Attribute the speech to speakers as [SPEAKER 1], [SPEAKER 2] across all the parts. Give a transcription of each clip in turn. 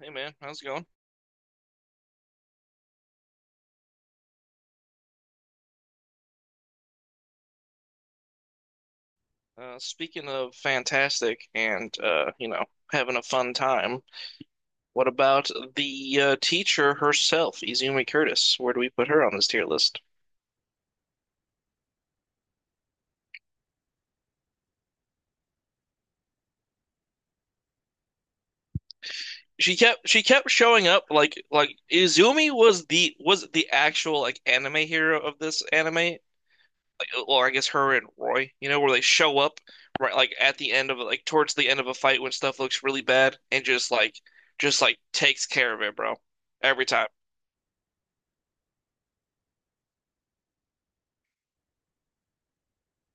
[SPEAKER 1] Hey man, how's it going? Speaking of fantastic and you know, having a fun time, what about the teacher herself, Izumi Curtis? Where do we put her on this tier list? She kept showing up like Izumi was the actual like anime hero of this anime. Like, or I guess her and Roy, you know, where they show up right like at the end of like towards the end of a fight when stuff looks really bad and just like takes care of it, bro. Every time.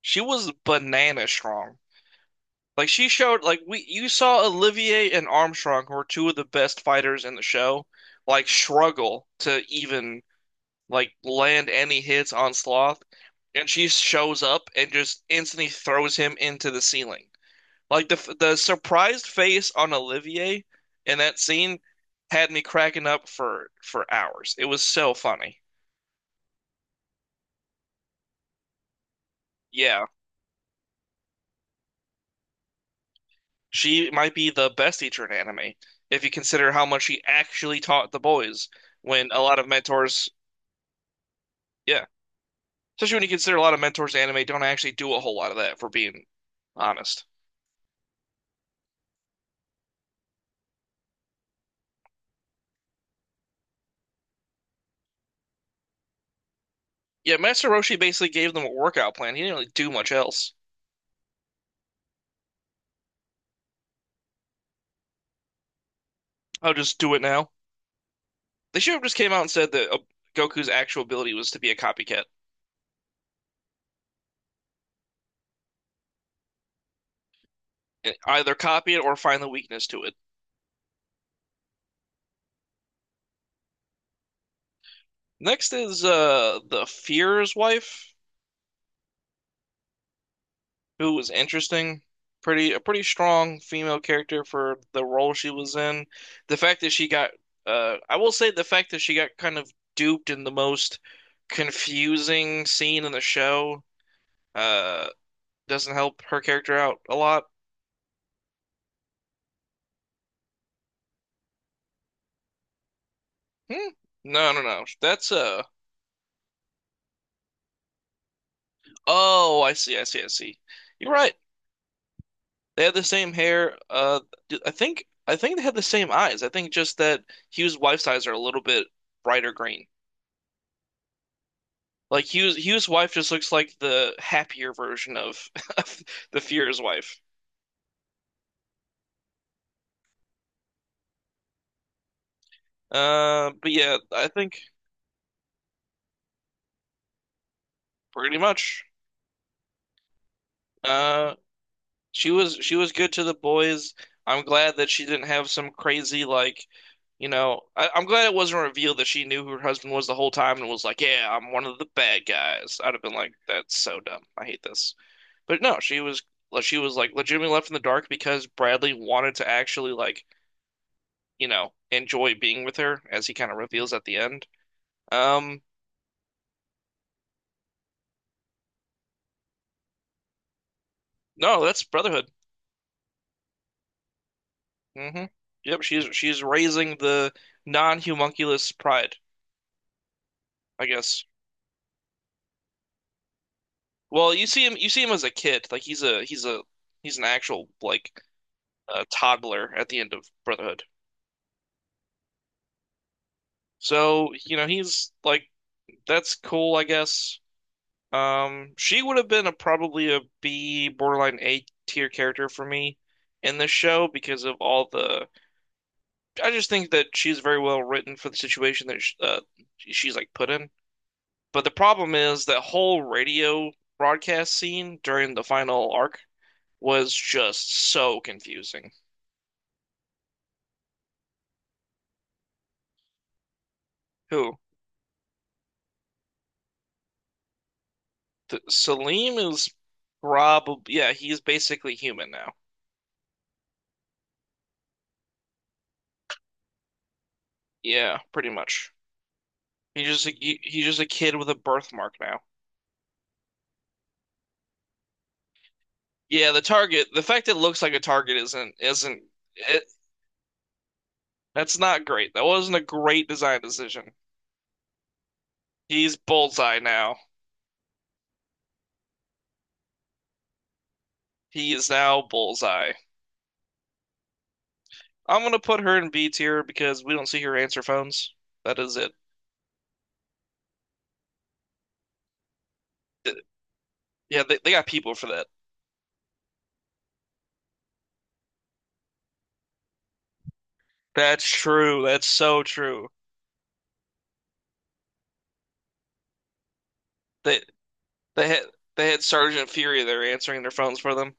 [SPEAKER 1] She was banana strong. Like she showed like we you saw Olivier and Armstrong, who are two of the best fighters in the show, like struggle to even like land any hits on Sloth, and she shows up and just instantly throws him into the ceiling. Like the surprised face on Olivier in that scene had me cracking up for hours. It was so funny. Yeah. She might be the best teacher in anime if you consider how much she actually taught the boys when a lot of mentors, yeah, especially when you consider a lot of mentors in anime don't actually do a whole lot of that, for being honest. Yeah, Master Roshi basically gave them a workout plan. He didn't really do much else. I'll just do it now. They should have just came out and said that Goku's actual ability was to be a copycat. Either copy it or find the weakness to it. Next is the Fear's wife, who was interesting, pretty a pretty strong female character for the role she was in. The fact that she got, I will say the fact that she got kind of duped in the most confusing scene in the show, uh, doesn't help her character out a lot. Hmm? No, no, no. That's Oh, I see, I see, I see. You're right. They had the same hair. I think they had the same eyes. I think just that Hugh's wife's eyes are a little bit brighter green. Like Hugh's wife just looks like the happier version of, of the Fuhrer's wife. But yeah, I think pretty much. Uh, she was good to the boys. I'm glad that she didn't have some crazy like, you know, I'm glad it wasn't revealed that she knew who her husband was the whole time and was like, "Yeah, I'm one of the bad guys." I'd have been like, "That's so dumb. I hate this." But no, she was like legitimately left in the dark because Bradley wanted to actually like you know, enjoy being with her as he kind of reveals at the end. Um, no, that's Brotherhood. Hmm. Yep, she's raising the non-homunculus pride, I guess. Well, you see him as a kid, like he's an actual like toddler at the end of Brotherhood. So, you know, he's like that's cool, I guess. She would have been a probably a B, borderline A tier character for me in this show because of all the I just think that she's very well written for the situation that sh she's like put in. But the problem is that whole radio broadcast scene during the final arc was just so confusing. Who? Th Salim is probably yeah, he's basically human now. Yeah, pretty much. He's just a, he's just a kid with a birthmark now. Yeah, the target, the fact that it looks like a target isn't it, that's not great. That wasn't a great design decision. He's bullseye now. He is now Bullseye. I'm gonna put her in B tier because we don't see her answer phones. That is it. Yeah, they got people for that. That's true. That's so true. They they had they had Sergeant Fury there answering their phones for them.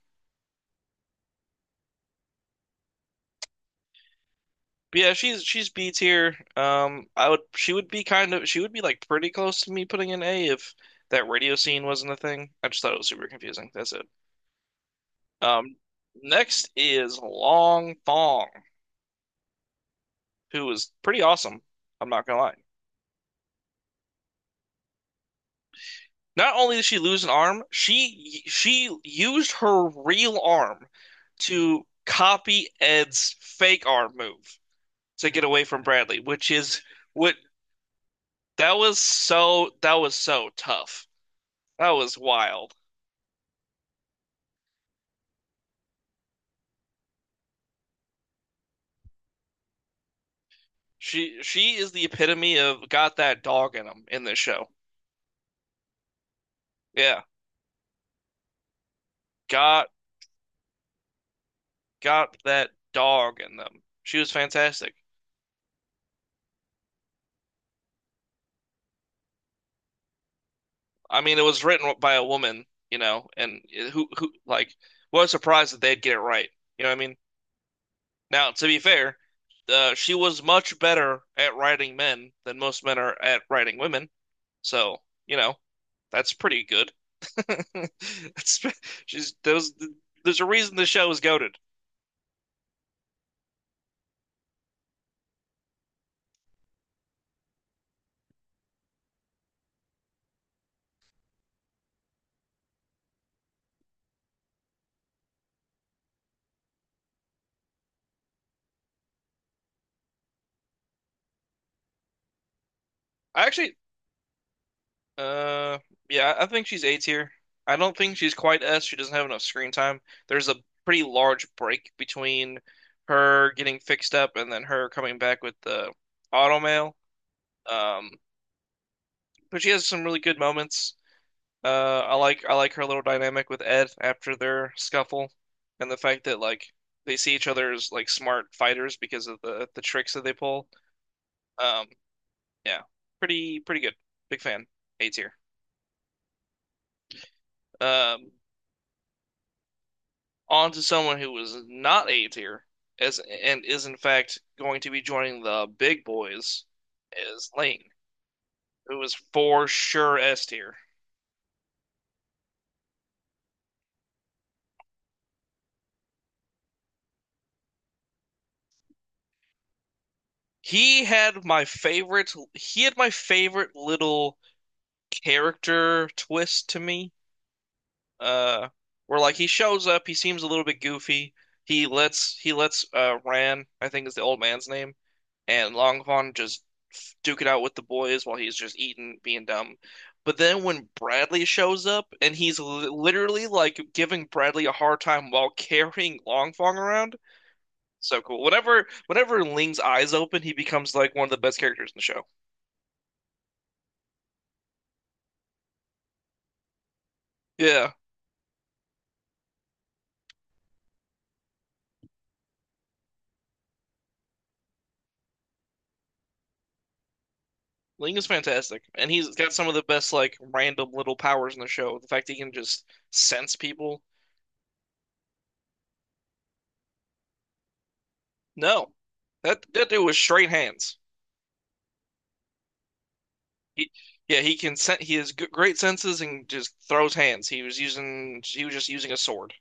[SPEAKER 1] But yeah, she's B tier. I would She would be kind of she would be like pretty close to me putting in A if that radio scene wasn't a thing. I just thought it was super confusing. That's it. Um, Next is Long Thong, who is pretty awesome. I'm not gonna lie. Not only did she lose an arm, she used her real arm to copy Ed's fake arm move to get away from Bradley, which is what that was so tough. That was wild. She is the epitome of got that dog in them in this show. Yeah, got got that dog in them. She was fantastic. I mean, it was written by a woman, you know, and who like what a surprise that they'd get it right. You know what I mean? Now, to be fair, she was much better at writing men than most men are at writing women. So, you know, that's pretty good. That's, she's there's a reason the show is goated. I actually, uh, yeah, I think she's A tier. I don't think she's quite S. She doesn't have enough screen time. There's a pretty large break between her getting fixed up and then her coming back with the automail. Um, but she has some really good moments. I like her little dynamic with Ed after their scuffle, and the fact that like they see each other as like smart fighters because of the tricks that they pull. Um, yeah, pretty good. Big fan. A tier. Um, on to someone who was not A tier, as and is in fact going to be joining the big boys, is Lane, who is for sure S tier. He had my favorite little character twist to me uh where like he shows up, he seems a little bit goofy. He lets Ran, I think is the old man's name, and Longfong just duke it out with the boys while he's just eating, being dumb. But then when Bradley shows up and he's li literally like giving Bradley a hard time while carrying Longfong around, so cool. Whenever Ling's eyes open, he becomes like one of the best characters in the show. Yeah. Ling is fantastic, and he's got some of the best like random little powers in the show. The fact he can just sense people. No, that that dude was straight hands. He, yeah, he can sen he has g great senses and just throws hands. He was just using a sword.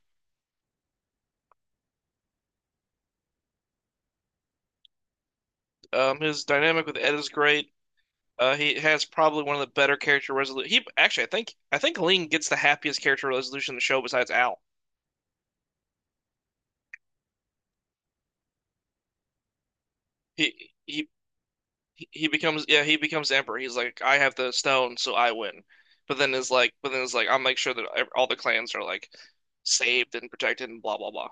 [SPEAKER 1] His dynamic with Ed is great. He has probably one of the better character resolution. He actually, I think Ling gets the happiest character resolution in the show besides Al. He he he becomes yeah he becomes emperor. He's like I have the stone, so I win. But then is like I'll make sure that all the clans are like saved and protected and blah blah blah.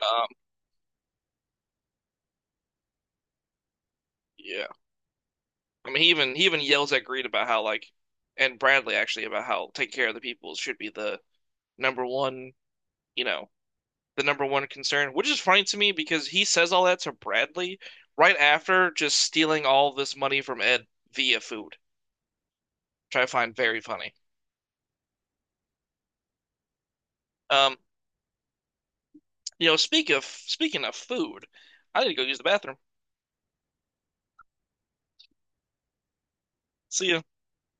[SPEAKER 1] Um, yeah, I mean he even yells at Greed about how like and Bradley actually about how taking care of the people should be the number one you know the number one concern, which is funny to me because he says all that to Bradley right after just stealing all this money from Ed via food, which I find very funny. Um, You know, speaking of food, I need to go use the bathroom. See ya.